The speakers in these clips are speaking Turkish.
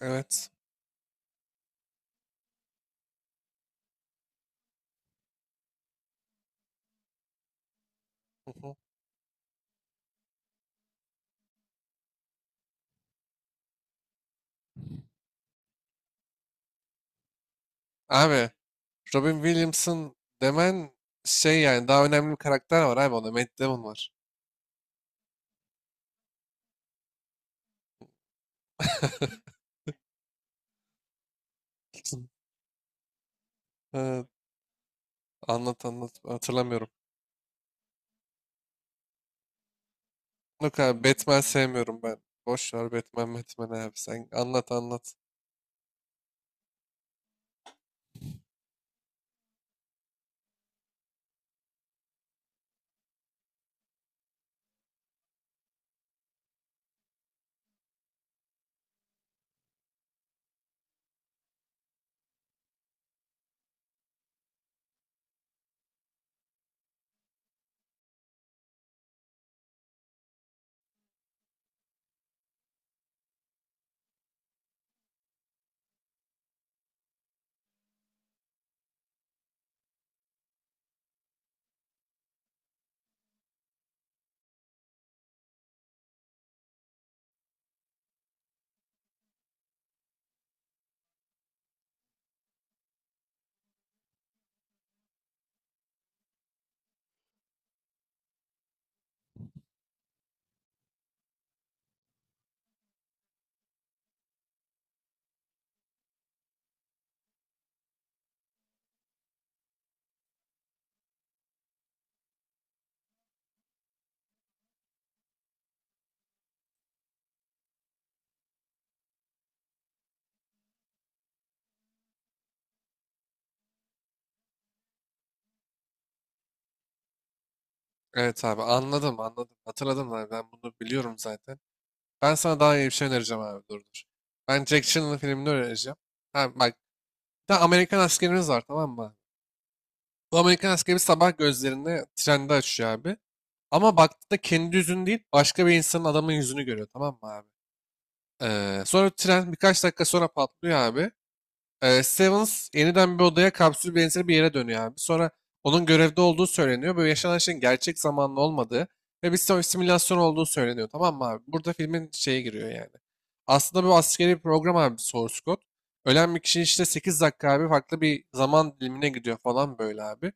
Evet. Hı hı. Abi Robin Williamson demen şey yani daha önemli bir karakter var abi, onda Matt Damon var. Evet, anlat anlat hatırlamıyorum. Yok abi, Batman sevmiyorum ben. Boş ver Batman Batman abi, sen anlat anlat. Evet abi anladım anladım. Hatırladım abi, ben bunu biliyorum zaten. Ben sana daha iyi bir şey önereceğim abi, dur dur. Ben Jack Channel'ın filmini önereceğim. Ha bak, bir de Amerikan askerimiz var tamam mı abi? Bu Amerikan askeri sabah gözlerini trende açıyor abi. Ama baktığında kendi yüzünü değil başka bir insanın adamın yüzünü görüyor tamam mı abi? Sonra tren birkaç dakika sonra patlıyor abi. Stevens yeniden bir odaya kapsül benzeri bir yere dönüyor abi. Sonra onun görevde olduğu söyleniyor. Böyle yaşanan şeyin gerçek zamanlı olmadığı ve bir simülasyon olduğu söyleniyor tamam mı abi? Burada filmin şeye giriyor yani. Aslında bu askeri bir program abi, source code. Ölen bir kişi işte 8 dakika abi farklı bir zaman dilimine gidiyor falan böyle abi.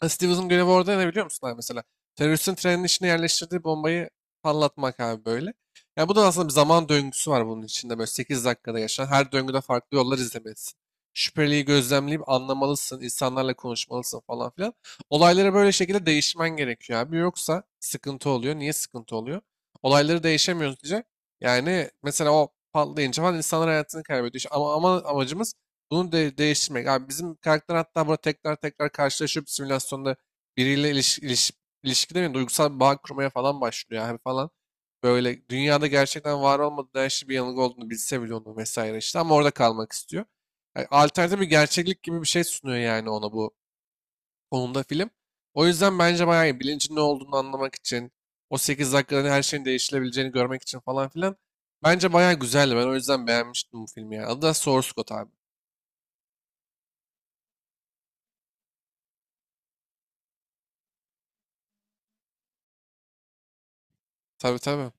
Ha, Stevenson görevi orada ne biliyor musun abi mesela? Teröristin trenin içine yerleştirdiği bombayı patlatmak abi böyle. Yani bu da aslında bir zaman döngüsü var bunun içinde böyle 8 dakikada yaşanan. Her döngüde farklı yollar izlemelisin. Şüpheliyi gözlemleyip anlamalısın, insanlarla konuşmalısın falan filan. Olayları böyle şekilde değişmen gerekiyor abi. Yoksa sıkıntı oluyor. Niye sıkıntı oluyor? Olayları değişemiyoruz diye. Yani mesela o patlayınca falan insanlar hayatını kaybediyor. İşte ama amacımız bunu de değiştirmek. Abi bizim karakter hatta burada tekrar tekrar karşılaşıp simülasyonda biriyle ilişki demeyeyim, duygusal bir bağ kurmaya falan başlıyor abi falan. Böyle dünyada gerçekten var olmadığı her şey bir yanılgı olduğunu bilse bile onu vesaire işte ama orada kalmak istiyor. Yani alternatif bir gerçeklik gibi bir şey sunuyor yani ona bu konuda film. O yüzden bence bayağı iyi. Bilincin ne olduğunu anlamak için, o 8 dakikada her şeyin değişilebileceğini görmek için falan filan. Bence bayağı güzeldi. Ben o yüzden beğenmiştim bu filmi yani. Adı da Source Code abi. Tabii tabii.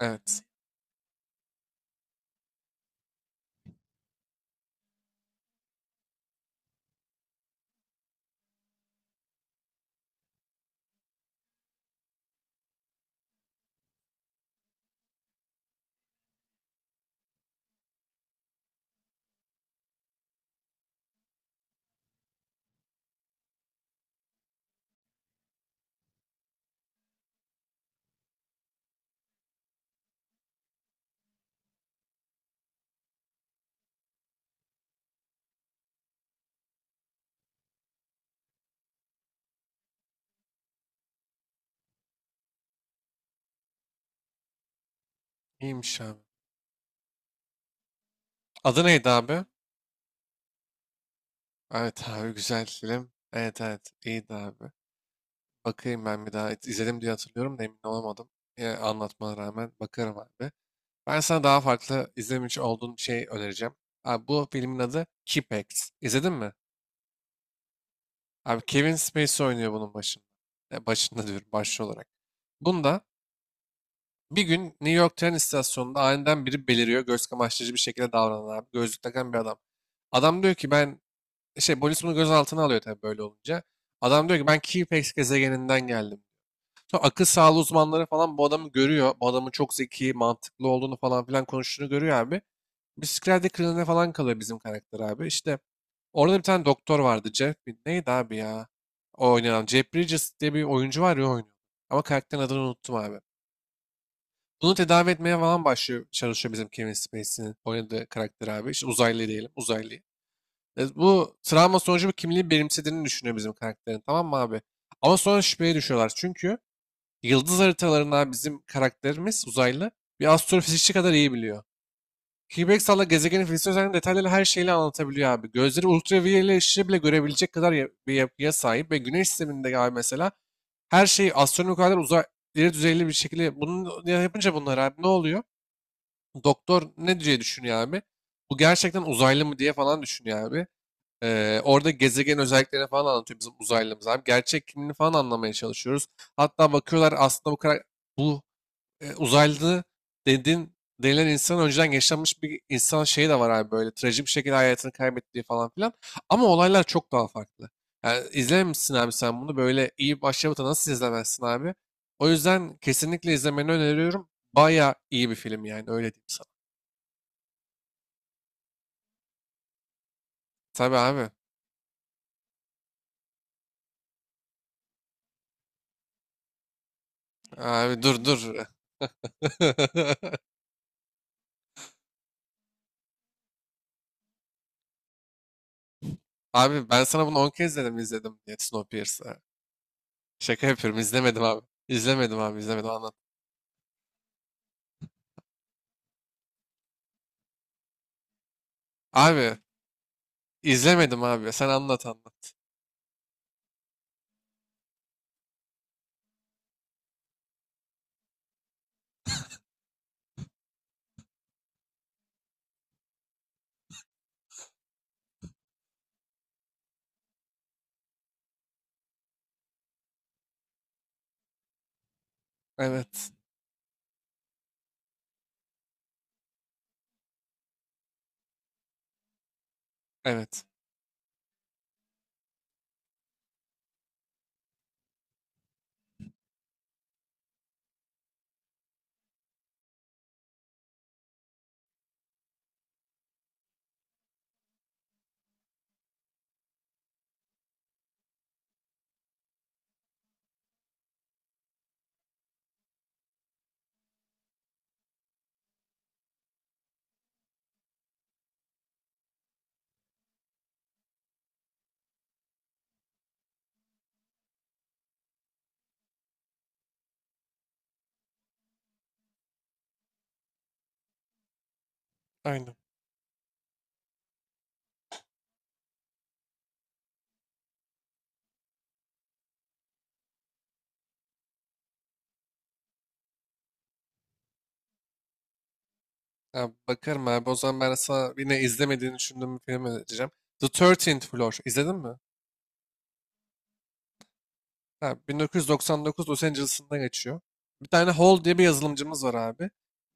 Evet. İyiymiş abi. Adı neydi abi? Evet abi güzel film. Evet evet iyiydi abi. Bakayım ben bir daha. İzledim diye hatırlıyorum da emin olamadım. Ya, anlatmana rağmen bakarım abi. Ben sana daha farklı izlemiş olduğun bir şey önereceğim. Abi bu filmin adı Kipex. İzledin mi? Abi Kevin Spacey oynuyor bunun başında. Başında diyorum başlı olarak. Bunda bir gün New York tren istasyonunda aniden biri beliriyor. Göz kamaştırıcı bir şekilde davranan abi. Gözlük takan bir adam. Adam diyor ki ben... Şey, polis bunu gözaltına alıyor tabii böyle olunca. Adam diyor ki ben Keyflex gezegeninden geldim. Sonra akıl sağlığı uzmanları falan bu adamı görüyor. Bu adamın çok zeki, mantıklı olduğunu falan filan konuştuğunu görüyor abi. Bir psikiyatri falan kalıyor bizim karakter abi. İşte orada bir tane doktor vardı. Jeff neydi abi ya? O oynayan. Jeff Bridges diye bir oyuncu var ya, o oynuyor. Ama karakterin adını unuttum abi. Bunu tedavi etmeye falan başlıyor, çalışıyor bizim Kevin Spacey'nin oynadığı karakter abi. İşte uzaylı diyelim, uzaylı. Bu travma sonucu bir kimliği benimsediğini düşünüyor bizim karakterin tamam mı abi? Ama sonra şüpheye düşüyorlar çünkü yıldız haritalarından bizim karakterimiz uzaylı bir astrofizikçi kadar iyi biliyor. Higgs'la gezegenin fiziksel özelliklerini detaylarıyla her şeyle anlatabiliyor abi. Gözleri ultraviyole ışığı bile görebilecek kadar bir yapıya sahip ve güneş sisteminde abi mesela her şeyi astronomik kadar uzay ileri düzeyli bir şekilde bunu yapınca bunlar abi ne oluyor? Doktor ne diye düşünüyor abi? Bu gerçekten uzaylı mı diye falan düşünüyor abi. Orada gezegen özelliklerini falan anlatıyor bizim uzaylımız abi. Gerçek kimliğini falan anlamaya çalışıyoruz. Hatta bakıyorlar aslında bu kadar bu uzaylı dedin denilen insan önceden yaşanmış bir insan şeyi de var abi, böyle trajik bir şekilde hayatını kaybettiği falan filan. Ama olaylar çok daha farklı. Yani izlememişsin abi sen bunu, böyle iyi başlamada nasıl izlemezsin abi? O yüzden kesinlikle izlemeni öneriyorum. Baya iyi bir film yani, öyle diyeyim sana. Tabii abi. Abi dur dur. Abi ben sana bunu 10 kez dedim izledim diye Snowpiercer'ı. Şaka yapıyorum izlemedim abi. İzlemedim abi izlemedim anlat. Abi izlemedim abi sen anlat anlat. Evet evet aynen. Abi, bakarım abi, o zaman ben sana yine izlemediğini düşündüğüm bir film önereceğim. The Thirteenth Floor izledin mi? Ha, 1999 Los Angeles'ında geçiyor. Bir tane Hall diye bir yazılımcımız var abi.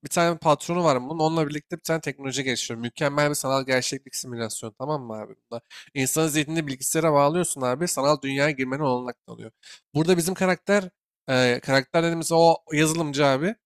Bir tane patronu var bunun. Onunla birlikte bir tane teknoloji geliştiriyor. Mükemmel bir sanal gerçeklik simülasyonu tamam mı abi? Bunda insanın zihnini bilgisayara bağlıyorsun abi. Sanal dünyaya girmenin olanak tanıyor. Burada bizim karakter, karakter dediğimiz o yazılımcı abi.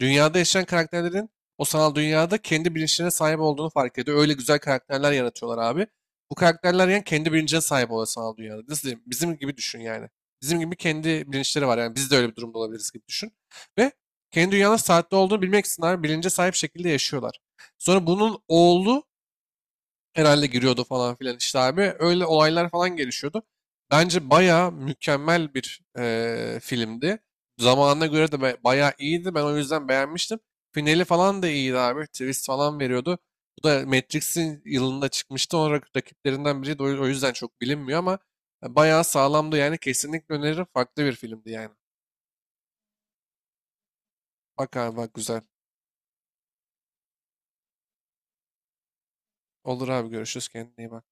Dünyada yaşayan karakterlerin o sanal dünyada kendi bilinçlerine sahip olduğunu fark ediyor. Öyle güzel karakterler yaratıyorlar abi. Bu karakterler yani kendi bilincine sahip oluyor sanal dünyada. Nasıl diyeyim? Bizim gibi düşün yani. Bizim gibi kendi bilinçleri var. Yani biz de öyle bir durumda olabiliriz gibi düşün. Ve kendi dünyanın saatte olduğunu bilmek için bilince sahip şekilde yaşıyorlar. Sonra bunun oğlu herhalde giriyordu falan filan işte abi. Öyle olaylar falan gelişiyordu. Bence baya mükemmel bir filmdi. Zamanına göre de bayağı iyiydi. Ben o yüzden beğenmiştim. Finali falan da iyiydi abi. Twist falan veriyordu. Bu da Matrix'in yılında çıkmıştı. Onun rakiplerinden biriydi. O yüzden çok bilinmiyor ama bayağı sağlamdı yani. Kesinlikle öneririm. Farklı bir filmdi yani. Bak abi bak güzel. Olur abi görüşürüz. Kendine iyi bak.